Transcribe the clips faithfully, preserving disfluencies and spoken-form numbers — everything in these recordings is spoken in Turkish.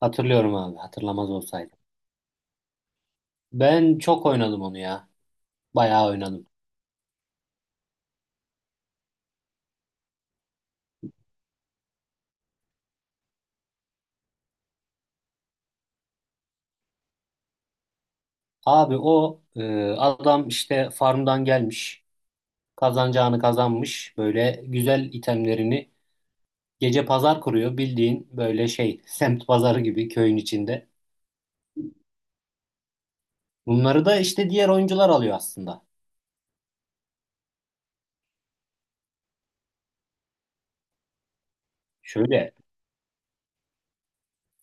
Hatırlıyorum abi. Hatırlamaz olsaydım. Ben çok oynadım onu ya. Bayağı oynadım. Abi o e, adam işte farmdan gelmiş. Kazanacağını kazanmış. Böyle güzel itemlerini gece pazar kuruyor. Bildiğin böyle şey semt pazarı gibi köyün içinde. Bunları da işte diğer oyuncular alıyor aslında. Şöyle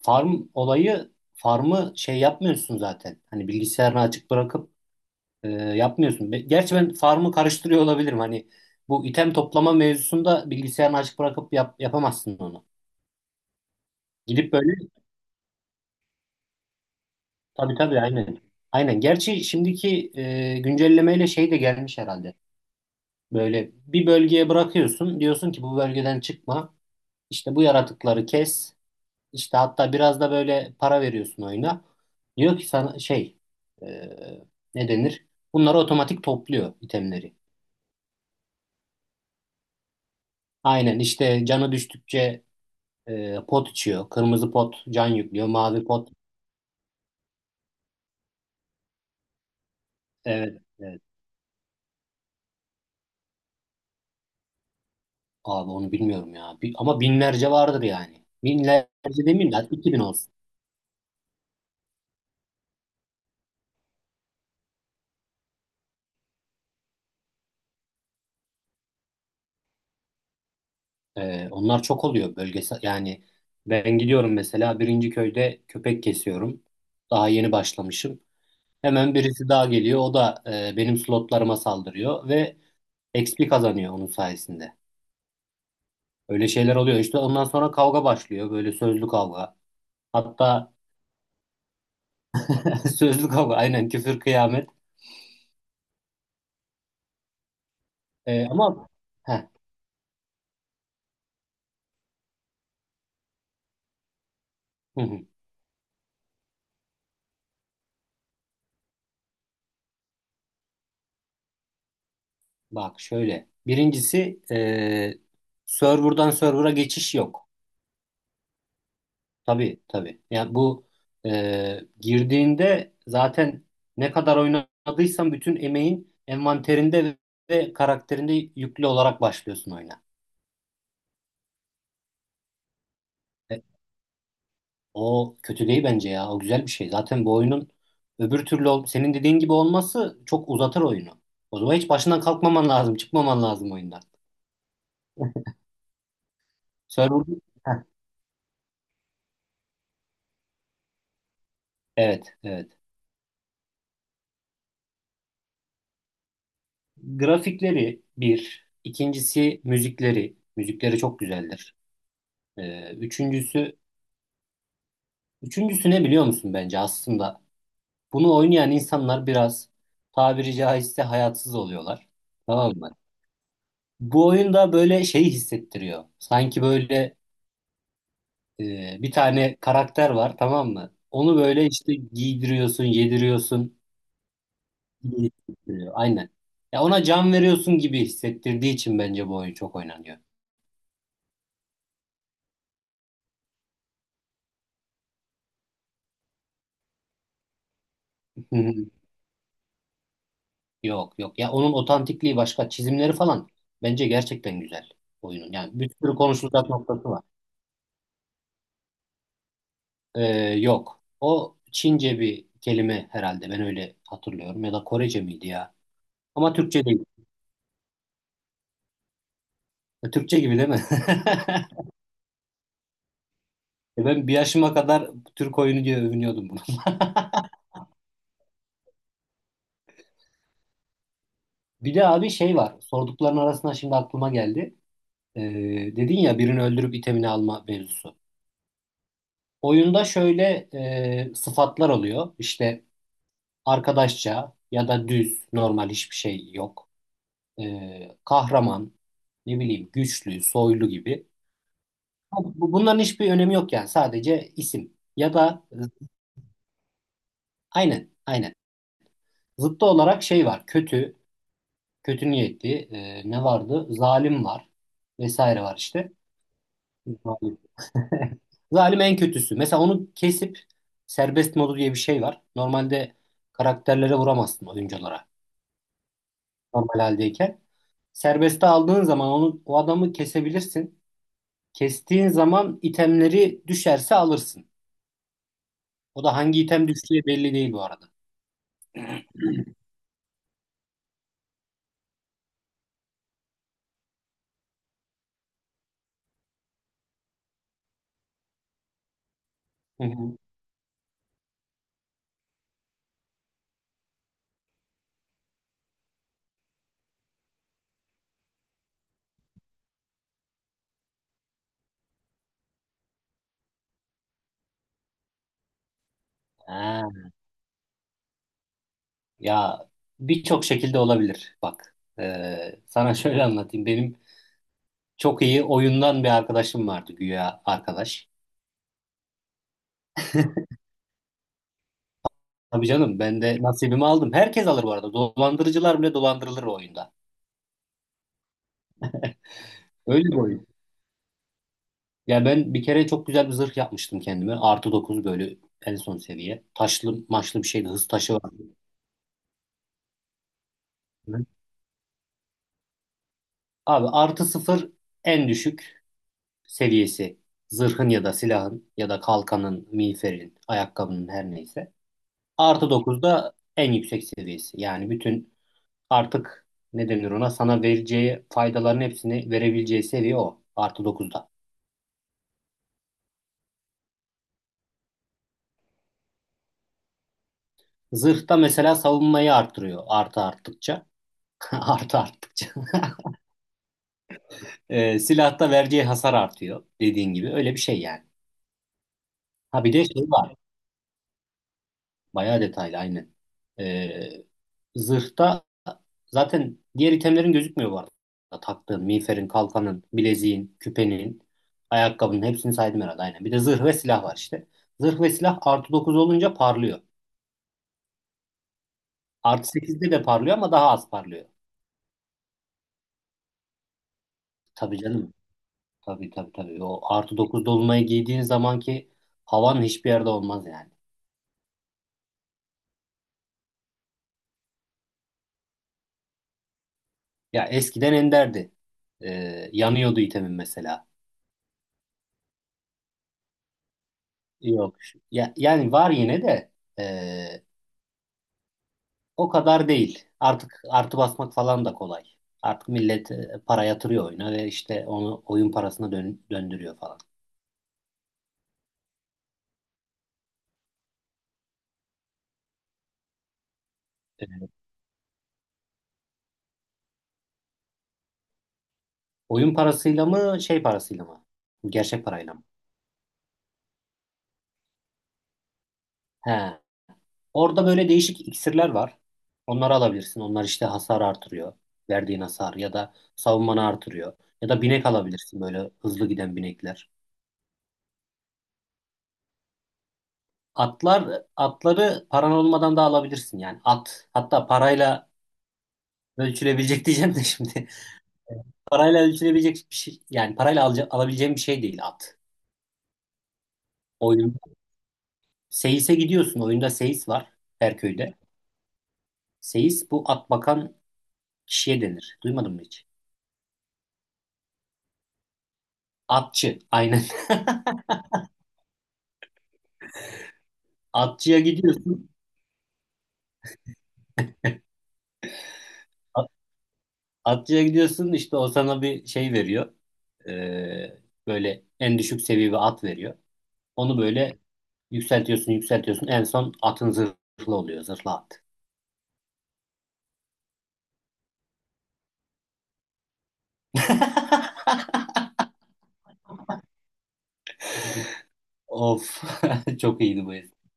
farm olayı farmı şey yapmıyorsun zaten. Hani bilgisayarını açık bırakıp E, yapmıyorsun. Be- Gerçi ben farmı karıştırıyor olabilirim. Hani bu item toplama mevzusunda bilgisayarını açık bırakıp yap- yapamazsın onu. Gidip böyle tabii tabii aynen. Aynen. Gerçi şimdiki e, güncellemeyle şey de gelmiş herhalde. Böyle bir bölgeye bırakıyorsun. Diyorsun ki bu bölgeden çıkma. İşte bu yaratıkları kes. İşte hatta biraz da böyle para veriyorsun oyuna. Diyor ki sana şey e, ne denir? Bunları otomatik topluyor itemleri. Aynen işte canı düştükçe Ee, pot içiyor. Kırmızı pot can yüklüyor. Mavi pot. Evet, evet. Abi onu bilmiyorum ya. Bi- ama binlerce vardır yani. Binlerce demeyeyim de hadi iki bin olsun. Ee, onlar çok oluyor bölgesel. Yani ben gidiyorum mesela birinci köyde köpek kesiyorum. Daha yeni başlamışım. Hemen birisi daha geliyor. O da e, benim slotlarıma saldırıyor ve X P kazanıyor onun sayesinde. Öyle şeyler oluyor. İşte ondan sonra kavga başlıyor. Böyle sözlü kavga. Hatta sözlü kavga. Aynen küfür kıyamet. Ee, ama heh, hı hı. Bak şöyle. Birincisi e, serverdan server'a geçiş yok. Tabii tabii. Yani bu e, girdiğinde zaten ne kadar oynadıysan bütün emeğin envanterinde ve karakterinde yüklü olarak başlıyorsun oyuna. E, o kötü değil bence ya. O güzel bir şey. Zaten bu oyunun öbür türlü ol- senin dediğin gibi olması çok uzatır oyunu. O zaman hiç başından kalkmaman lazım. Çıkmaman lazım oyundan. Server... Heh, evet, evet. Grafikleri bir. İkincisi müzikleri. Müzikleri çok güzeldir. Ee, üçüncüsü, üçüncüsü ne biliyor musun bence aslında? Bunu oynayan insanlar biraz tabiri caizse hayatsız oluyorlar. Tamam mı? Bu oyunda böyle şeyi hissettiriyor. Sanki böyle e, bir tane karakter var, tamam mı? Onu böyle işte giydiriyorsun, yediriyorsun, gibi hissettiriyor. Aynen. Ya ona can veriyorsun gibi hissettirdiği için bence bu oyun çok oynanıyor. Yok yok. Ya onun otantikliği başka. Çizimleri falan bence gerçekten güzel oyunun. Yani bir sürü konuşulacak noktası var. Ee, yok. O Çince bir kelime herhalde. Ben öyle hatırlıyorum. Ya da Korece miydi ya? Ama Türkçe değil. E, Türkçe gibi değil mi? E, Ben bir yaşıma kadar Türk oyunu diye övünüyordum bunu. Bir de abi şey var. Sordukların arasında şimdi aklıma geldi. Ee, dedin ya, birini öldürüp itemini alma mevzusu. Oyunda şöyle e, sıfatlar oluyor. İşte arkadaşça ya da düz, normal, hiçbir şey yok. Ee, kahraman, ne bileyim, güçlü, soylu gibi. Bu- Bunların hiçbir önemi yok, yani sadece isim. Ya da aynen, aynen. Zıttı olarak şey var, kötü, kötü niyetli, e, ne vardı? Zalim var, vesaire var işte. Zalim. Zalim en kötüsü. Mesela onu kesip, serbest modu diye bir şey var. Normalde karakterlere vuramazsın, oyunculara, normal haldeyken. Serbeste aldığın zaman onu, o adamı kesebilirsin. Kestiğin zaman itemleri düşerse alırsın. O da hangi item düştüğü belli değil bu arada. Hı hı. Ha, ya, birçok şekilde olabilir. Bak, e, sana şöyle anlatayım. Benim çok iyi oyundan bir arkadaşım vardı, güya arkadaş. Tabii canım, ben de nasibimi aldım. Herkes alır bu arada. Dolandırıcılar bile dolandırılır o oyunda. Öyle bir oyun. Ya ben bir kere çok güzel bir zırh yapmıştım kendime. Artı dokuz, böyle en son seviye. Taşlı maçlı bir şeydi. Hız taşı vardı. Hı. Abi artı sıfır en düşük seviyesi. Zırhın ya da silahın ya da kalkanın, miğferin, ayakkabının, her neyse. Artı dokuz da en yüksek seviyesi. Yani bütün artık ne denir, ona, sana vereceği faydaların hepsini verebileceği seviye o. Artı dokuzda. Zırhta mesela savunmayı arttırıyor, artı arttıkça. Artı arttıkça. E, silahta vereceği hasar artıyor dediğin gibi, öyle bir şey yani. Ha bir de şey var, bayağı detaylı aynen. E, zırhta zaten diğer itemlerin gözükmüyor bu arada. Taktığın, miğferin, kalkanın, bileziğin, küpenin, ayakkabının hepsini saydım herhalde, aynen. Bir de zırh ve silah var işte. Zırh ve silah artı dokuz olunca parlıyor. Artı sekizde de parlıyor ama daha az parlıyor. Tabii canım. Tabii tabii tabii. O artı dokuz dolunayı giydiğin zamanki havan hiçbir yerde olmaz yani. Ya eskiden enderdi. Ee, yanıyordu itemin mesela. Yok. Ya, yani var yine de, ee, o kadar değil. Artık artı basmak falan da kolay. Artık millet e, para yatırıyor oyuna ve işte onu oyun parasına dön- döndürüyor falan. Evet. Oyun parasıyla mı, şey parasıyla mı? Gerçek parayla mı? He. Orada böyle değişik iksirler var. Onları alabilirsin. Onlar işte hasar artırıyor. Verdiğin hasar ya da savunmanı artırıyor. Ya da binek alabilirsin, böyle hızlı giden binekler. Atlar, atları paran olmadan da alabilirsin yani. At hatta parayla ölçülebilecek diyeceğim de şimdi. Parayla ölçülebilecek bir şey, yani parayla alca- alabileceğim bir şey değil at. Oyun Seyis'e gidiyorsun. Oyunda Seyis var her köyde. Seyis bu at bakan kişiye denir. Duymadın mı hiç? Atçı, aynen. Atçıya gidiyorsun. At- Atçıya gidiyorsun işte, o sana bir şey veriyor. Ee, böyle en düşük seviye bir at veriyor. Onu böyle yükseltiyorsun, yükseltiyorsun. En son atın zırhlı oluyor. Zırhlı at. Of. Çok iyiydi bu espri.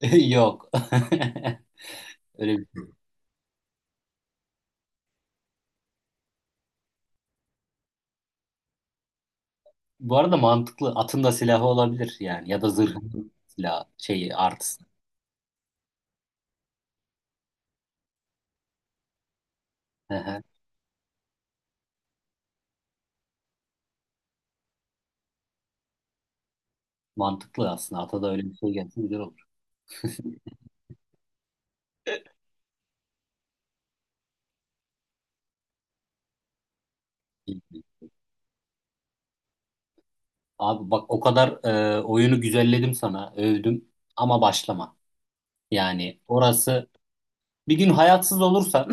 Yok. Öyle bir- Bu arada mantıklı. Atın da silahı olabilir yani. Ya da zırhın silahı. Şeyi, artısı. Hı hı. Mantıklı aslında. Ata da öyle bir şey gelsin, güzel olur. İyi. Abi bak, o kadar e, oyunu güzelledim sana. Övdüm. Ama başlama. Yani orası, bir gün hayatsız olursan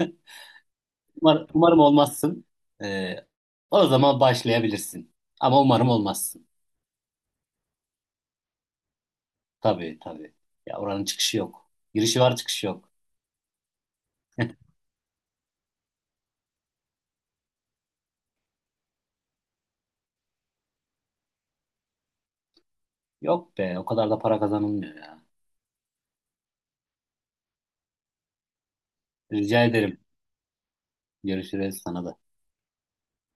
Umar- umarım olmazsın. Ee, o zaman başlayabilirsin. Ama umarım olmazsın. Tabii tabii. Ya oranın çıkışı yok. Girişi var, çıkışı yok. Yok be, o kadar da para kazanılmıyor ya. Rica ederim. Görüşürüz sana da.